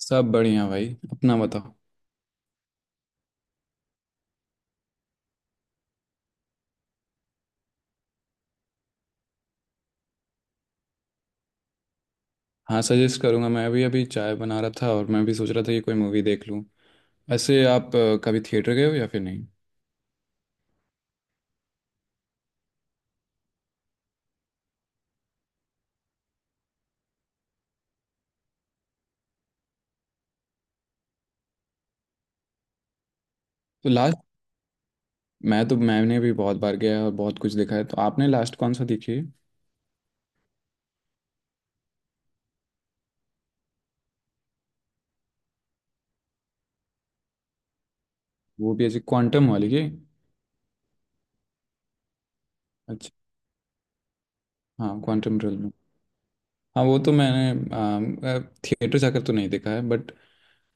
सब बढ़िया भाई। अपना बताओ। हाँ, सजेस्ट करूँगा। मैं अभी अभी चाय बना रहा था और मैं भी सोच रहा था कि कोई मूवी देख लूँ। ऐसे आप कभी थिएटर गए हो या फिर नहीं। तो लास्ट, मैं तो मैंने भी बहुत बार गया और बहुत कुछ देखा है, तो आपने लास्ट कौन सा देखी है। वो भी ऐसी क्वांटम वाली की। अच्छा। हाँ, क्वांटम रियल में। हाँ, वो तो मैंने थिएटर जाकर तो नहीं देखा है बट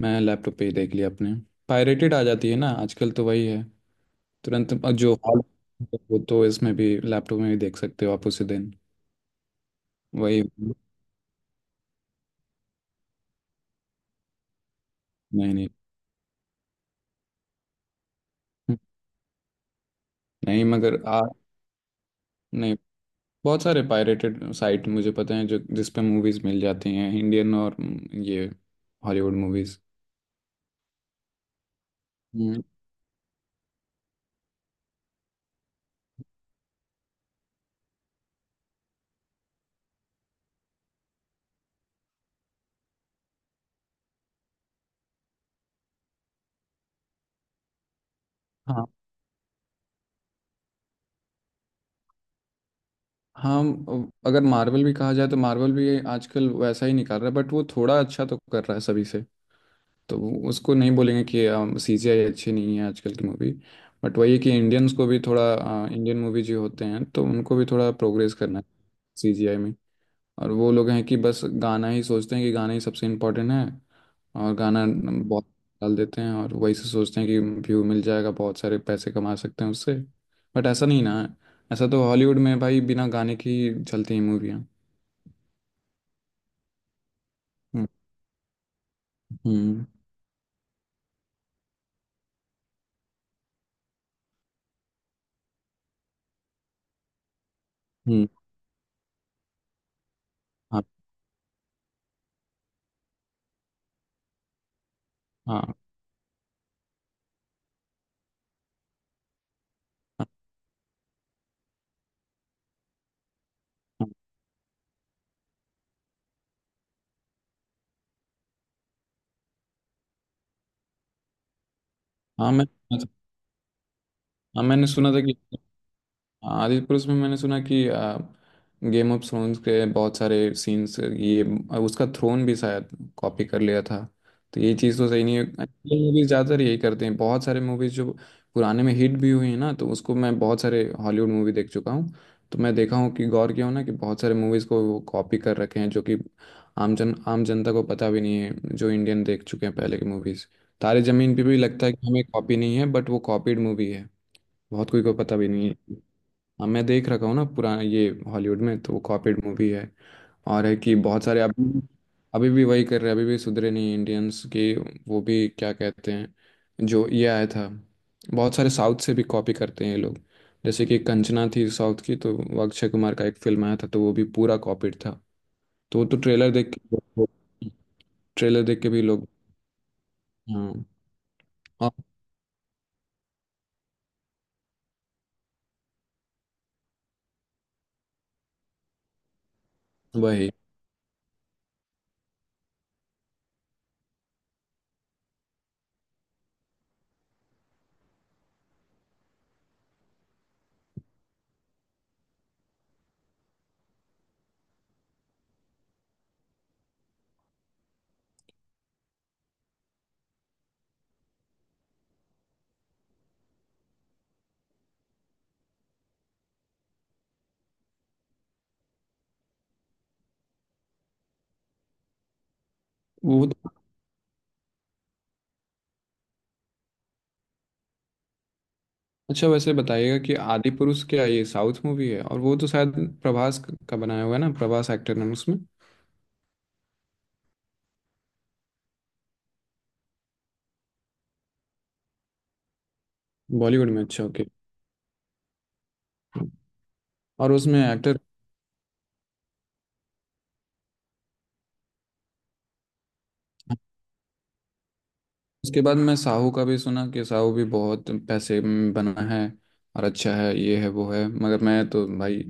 मैं लैपटॉप पे ही देख लिया अपने। पायरेटेड आ जाती है ना आजकल, तो वही है। तुरंत जो हॉल, वो तो इसमें भी, लैपटॉप में भी देख सकते हो आप उसी दिन। वही। नहीं, नहीं, नहीं, मगर आ, नहीं, बहुत सारे पायरेटेड साइट मुझे पता है जो, जिस पे मूवीज मिल जाती हैं इंडियन और ये हॉलीवुड मूवीज। हम्म। हाँ, हाँ। अगर मार्वल भी कहा जाए तो मार्वल भी आजकल वैसा ही निकाल रहा है, बट वो थोड़ा अच्छा तो कर रहा है सभी से। तो उसको नहीं बोलेंगे कि सीजीआई अच्छी नहीं है आजकल की मूवी। बट वही है कि इंडियंस को भी थोड़ा, इंडियन मूवी जो होते हैं तो उनको भी थोड़ा प्रोग्रेस करना है। सीजीआई। और वो लोग हैं कि बस गाना ही सोचते हैं, कि गाना ही सबसे इम्पोर्टेंट है। और गाना बहुत डाल देते हैं और वही से सोचते हैं कि व्यू मिल जाएगा, बहुत सारे पैसे कमा सकते हैं उससे। बट ऐसा नहीं ना है। ऐसा तो हॉलीवुड में भाई, बिना गाने की ही चलती हैं मूवियाँ। हम्म। हम्म। हम्म। हाँ। हाँ। हाँ, हाँ। हाँ, मैं, हाँ, मैंने सुना था कि, हाँ, आदिपुरुष में मैंने सुना कि गेम ऑफ थ्रोन्स के बहुत सारे सीन्स ये, उसका थ्रोन भी शायद कॉपी कर लिया था। तो ये चीज़ तो सही नहीं है। मूवीज ज़्यादातर यही करते हैं। बहुत सारे मूवीज जो पुराने में हिट भी हुई हैं ना, तो उसको, मैं बहुत सारे हॉलीवुड मूवी देख चुका हूँ तो मैं देखा हूँ कि, गौर किया हूँ ना कि बहुत सारे मूवीज़ को वो कॉपी कर रखे हैं, जो कि आम जनता को पता भी नहीं है। जो इंडियन देख चुके हैं पहले की मूवीज़, तारे ज़मीन पे भी लगता है कि हमें कॉपी नहीं है, बट वो कॉपीड मूवी है। बहुत कोई को पता भी नहीं है। हाँ, मैं देख रखा हूँ ना पुराना ये हॉलीवुड में, तो वो कॉपीड मूवी है। और है कि बहुत सारे अभी, अभी भी वही कर रहे हैं, अभी भी सुधरे नहीं इंडियंस की। वो भी क्या कहते हैं जो ये आया था, बहुत सारे साउथ से भी कॉपी करते हैं ये लोग। जैसे कि कंचना थी साउथ की, तो वो अक्षय कुमार का एक फिल्म आया था तो वो भी पूरा कॉपीड था। तो वो तो ट्रेलर देख के, ट्रेलर देख के भी लोग, हाँ। हाँ, वही। वो तो। अच्छा वैसे बताइएगा कि आदि पुरुष क्या ये साउथ मूवी है? और वो तो शायद प्रभास का बनाया हुआ है ना, प्रभास एक्टर नाम उसमें। बॉलीवुड में, अच्छा, ओके। और उसमें एक्टर। उसके बाद मैं साहू का भी सुना कि साहू भी बहुत पैसे में बना है और अच्छा है, ये है वो है, मगर मैं तो भाई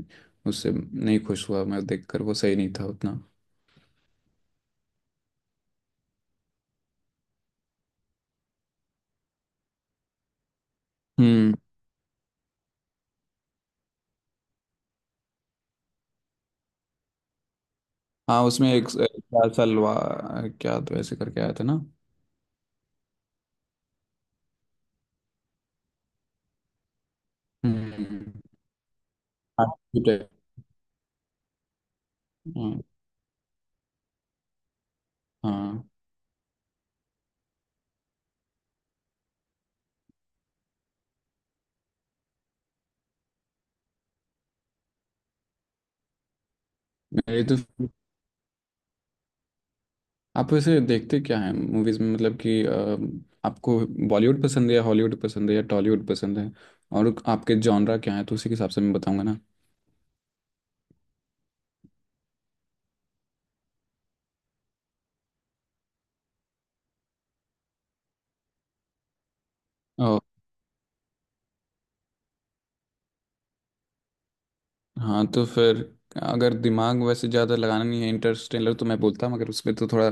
उससे नहीं खुश हुआ। मैं देखकर, वो सही नहीं था उतना। हम्म। हाँ, उसमें एक क्या सलवा क्या, तो ऐसे करके आया था ना। हम्म। हाँ। हाँ। मेरी तो, आप वैसे देखते क्या हैं मूवीज में, मतलब कि आपको बॉलीवुड पसंद है या हॉलीवुड पसंद है या टॉलीवुड पसंद है, और आपके जॉनरा क्या है, तो उसी के हिसाब से मैं बताऊंगा ना। और, हाँ तो फिर, अगर दिमाग वैसे ज़्यादा लगाना नहीं है, इंटरस्टेलर तो मैं बोलता हूँ, मगर उसमें तो थोड़ा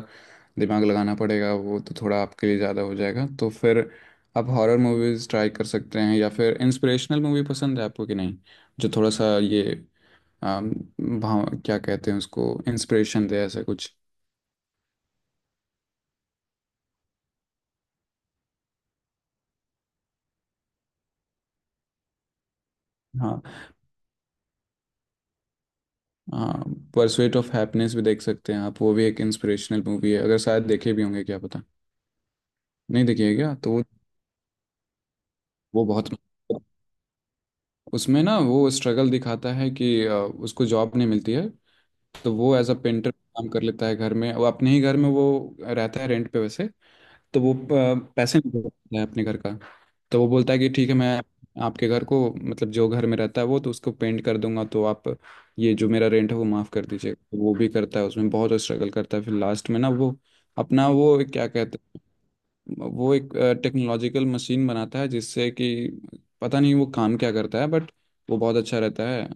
दिमाग लगाना पड़ेगा, वो तो थोड़ा आपके लिए ज़्यादा हो जाएगा। तो फिर आप हॉरर मूवीज़ ट्राई कर सकते हैं, या फिर इंस्पिरेशनल मूवी पसंद है आपको कि नहीं, जो थोड़ा सा ये भाव क्या कहते हैं उसको, इंस्पिरेशन दे ऐसा कुछ। हाँ। हाँ। परसुएट ऑफ हैप्पीनेस भी देख सकते हैं आप, वो भी एक इंस्पिरेशनल मूवी है। अगर शायद देखे भी होंगे, क्या पता। नहीं देखिए क्या तो वो बहुत, उसमें ना वो स्ट्रगल दिखाता है कि उसको जॉब नहीं मिलती है। तो वो एज अ पेंटर काम कर लेता है, घर में वो, अपने ही घर में वो रहता है रेंट पे वैसे। तो वो पैसे नहीं दे पाता है अपने घर का। तो वो बोलता है कि ठीक है, मैं आपके घर को, मतलब जो घर में रहता है वो तो, उसको पेंट कर दूंगा, तो आप ये जो मेरा रेंट है वो माफ़ कर दीजिए। तो वो भी करता है, उसमें बहुत स्ट्रगल करता है। फिर लास्ट में ना वो अपना वो क्या कहते हैं वो एक टेक्नोलॉजिकल मशीन बनाता है, जिससे कि पता नहीं वो काम क्या करता है बट वो बहुत अच्छा रहता है।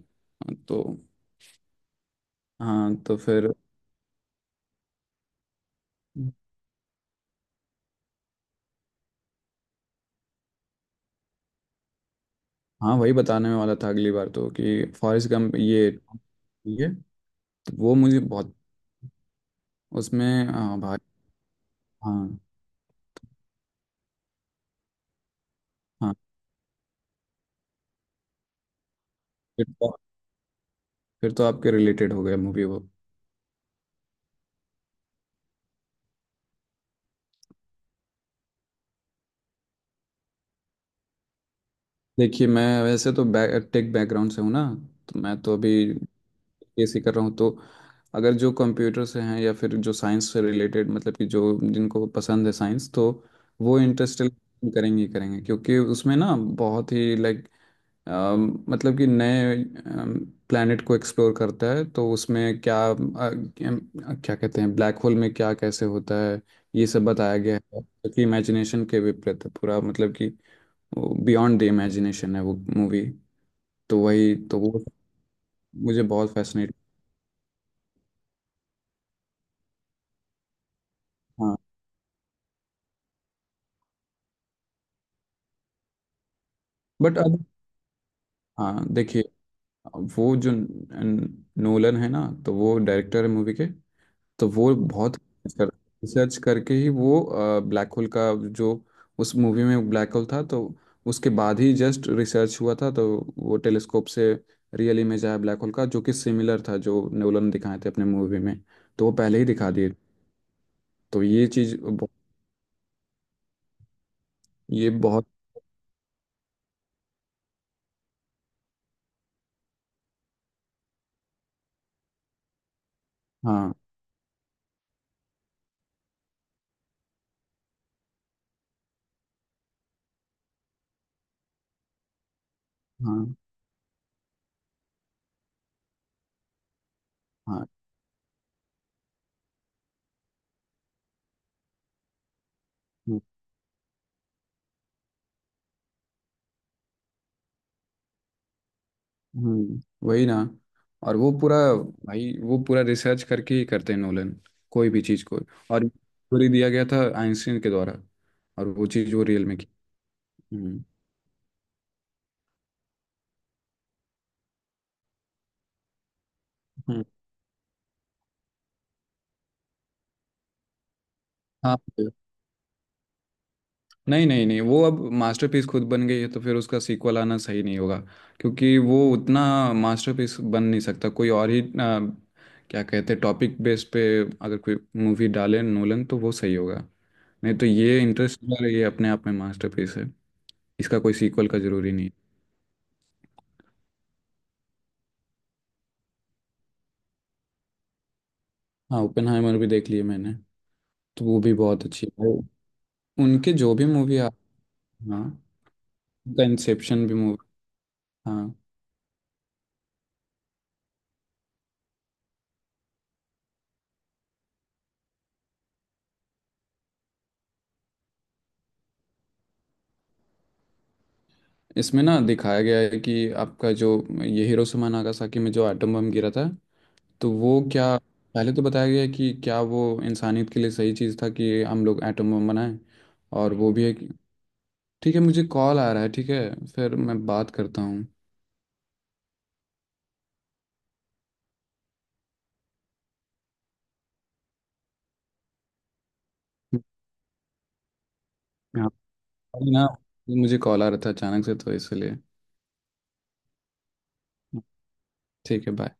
तो। हाँ तो फिर। हाँ, वही बताने वाला था अगली बार तो, कि फॉरेस्ट गंप ये तो, वो मुझे बहुत, उसमें, हाँ भाई। हाँ। हाँ फिर तो, फिर तो आपके रिलेटेड हो गया मूवी वो। देखिए, मैं वैसे तो टेक बैकग्राउंड से हूँ ना, तो मैं तो अभी बीएससी कर रहा हूँ। तो अगर जो कंप्यूटर से हैं या फिर जो साइंस से रिलेटेड, मतलब कि जो जिनको पसंद है साइंस, तो वो इंटरेस्ट करेंगे ही करेंगे, क्योंकि उसमें ना बहुत ही लाइक, मतलब कि नए प्लैनेट को एक्सप्लोर करता है। तो उसमें क्या, क्या कहते हैं, ब्लैक होल में क्या कैसे होता है, ये सब बताया गया है, जो कि इमेजिनेशन के विपरीत है पूरा, मतलब कि बियॉन्ड द इमेजिनेशन है वो मूवी। तो वही, तो वो मुझे बहुत फैसिनेट। हाँ। बट अब, हाँ देखिए, वो जो नोलन है ना, तो वो डायरेक्टर है मूवी के। तो वो बहुत रिसर्च करके ही, वो ब्लैक होल का जो, उस मूवी में ब्लैक होल था, तो उसके बाद ही जस्ट रिसर्च हुआ था। तो वो टेलीस्कोप से रियल इमेज आया ब्लैक होल का, जो कि सिमिलर था जो नोलन दिखाए थे अपने मूवी में। तो वो पहले ही दिखा दिए। तो ये चीज़ बहुत-, ये बहुत। हाँ, हाँ। हाँ। हम्म। वही ना। और वो पूरा, भाई वो पूरा रिसर्च करके ही करते हैं नोलन कोई भी चीज़ को। और थ्योरी दिया गया था आइंस्टीन के द्वारा, और वो चीज़ वो रियल में की। हम्म। हम्म। हाँ, नहीं, नहीं, नहीं, वो अब मास्टरपीस खुद बन गई है, तो फिर उसका सीक्वल आना सही नहीं होगा, क्योंकि वो उतना मास्टरपीस बन नहीं सकता। कोई और ही आ, क्या कहते हैं टॉपिक बेस पे अगर कोई मूवी डाले नोलन, तो वो सही होगा। नहीं तो ये इंटरेस्ट, ये अपने आप में मास्टरपीस है, इसका कोई सीक्वल का जरूरी नहीं है। हाँ, ओपेनहाइमर भी देख लिए मैंने, तो वो भी बहुत अच्छी है। उनके जो भी मूवी आ, हाँ, उनका इंसेप्शन भी मूवी। हाँ। इसमें ना दिखाया गया है कि आपका जो ये हिरोशिमा नागासाकी में जो एटम बम गिरा था, तो वो क्या, पहले तो बताया गया है कि क्या वो इंसानियत के लिए सही चीज़ था कि हम लोग एटम बम बनाएं। और वो भी है कि, ठीक है मुझे कॉल आ रहा है, ठीक है फिर मैं बात करता हूँ। हाँ, अभी ना मुझे कॉल आ रहा था अचानक से तो इसलिए। ठीक है, बाय।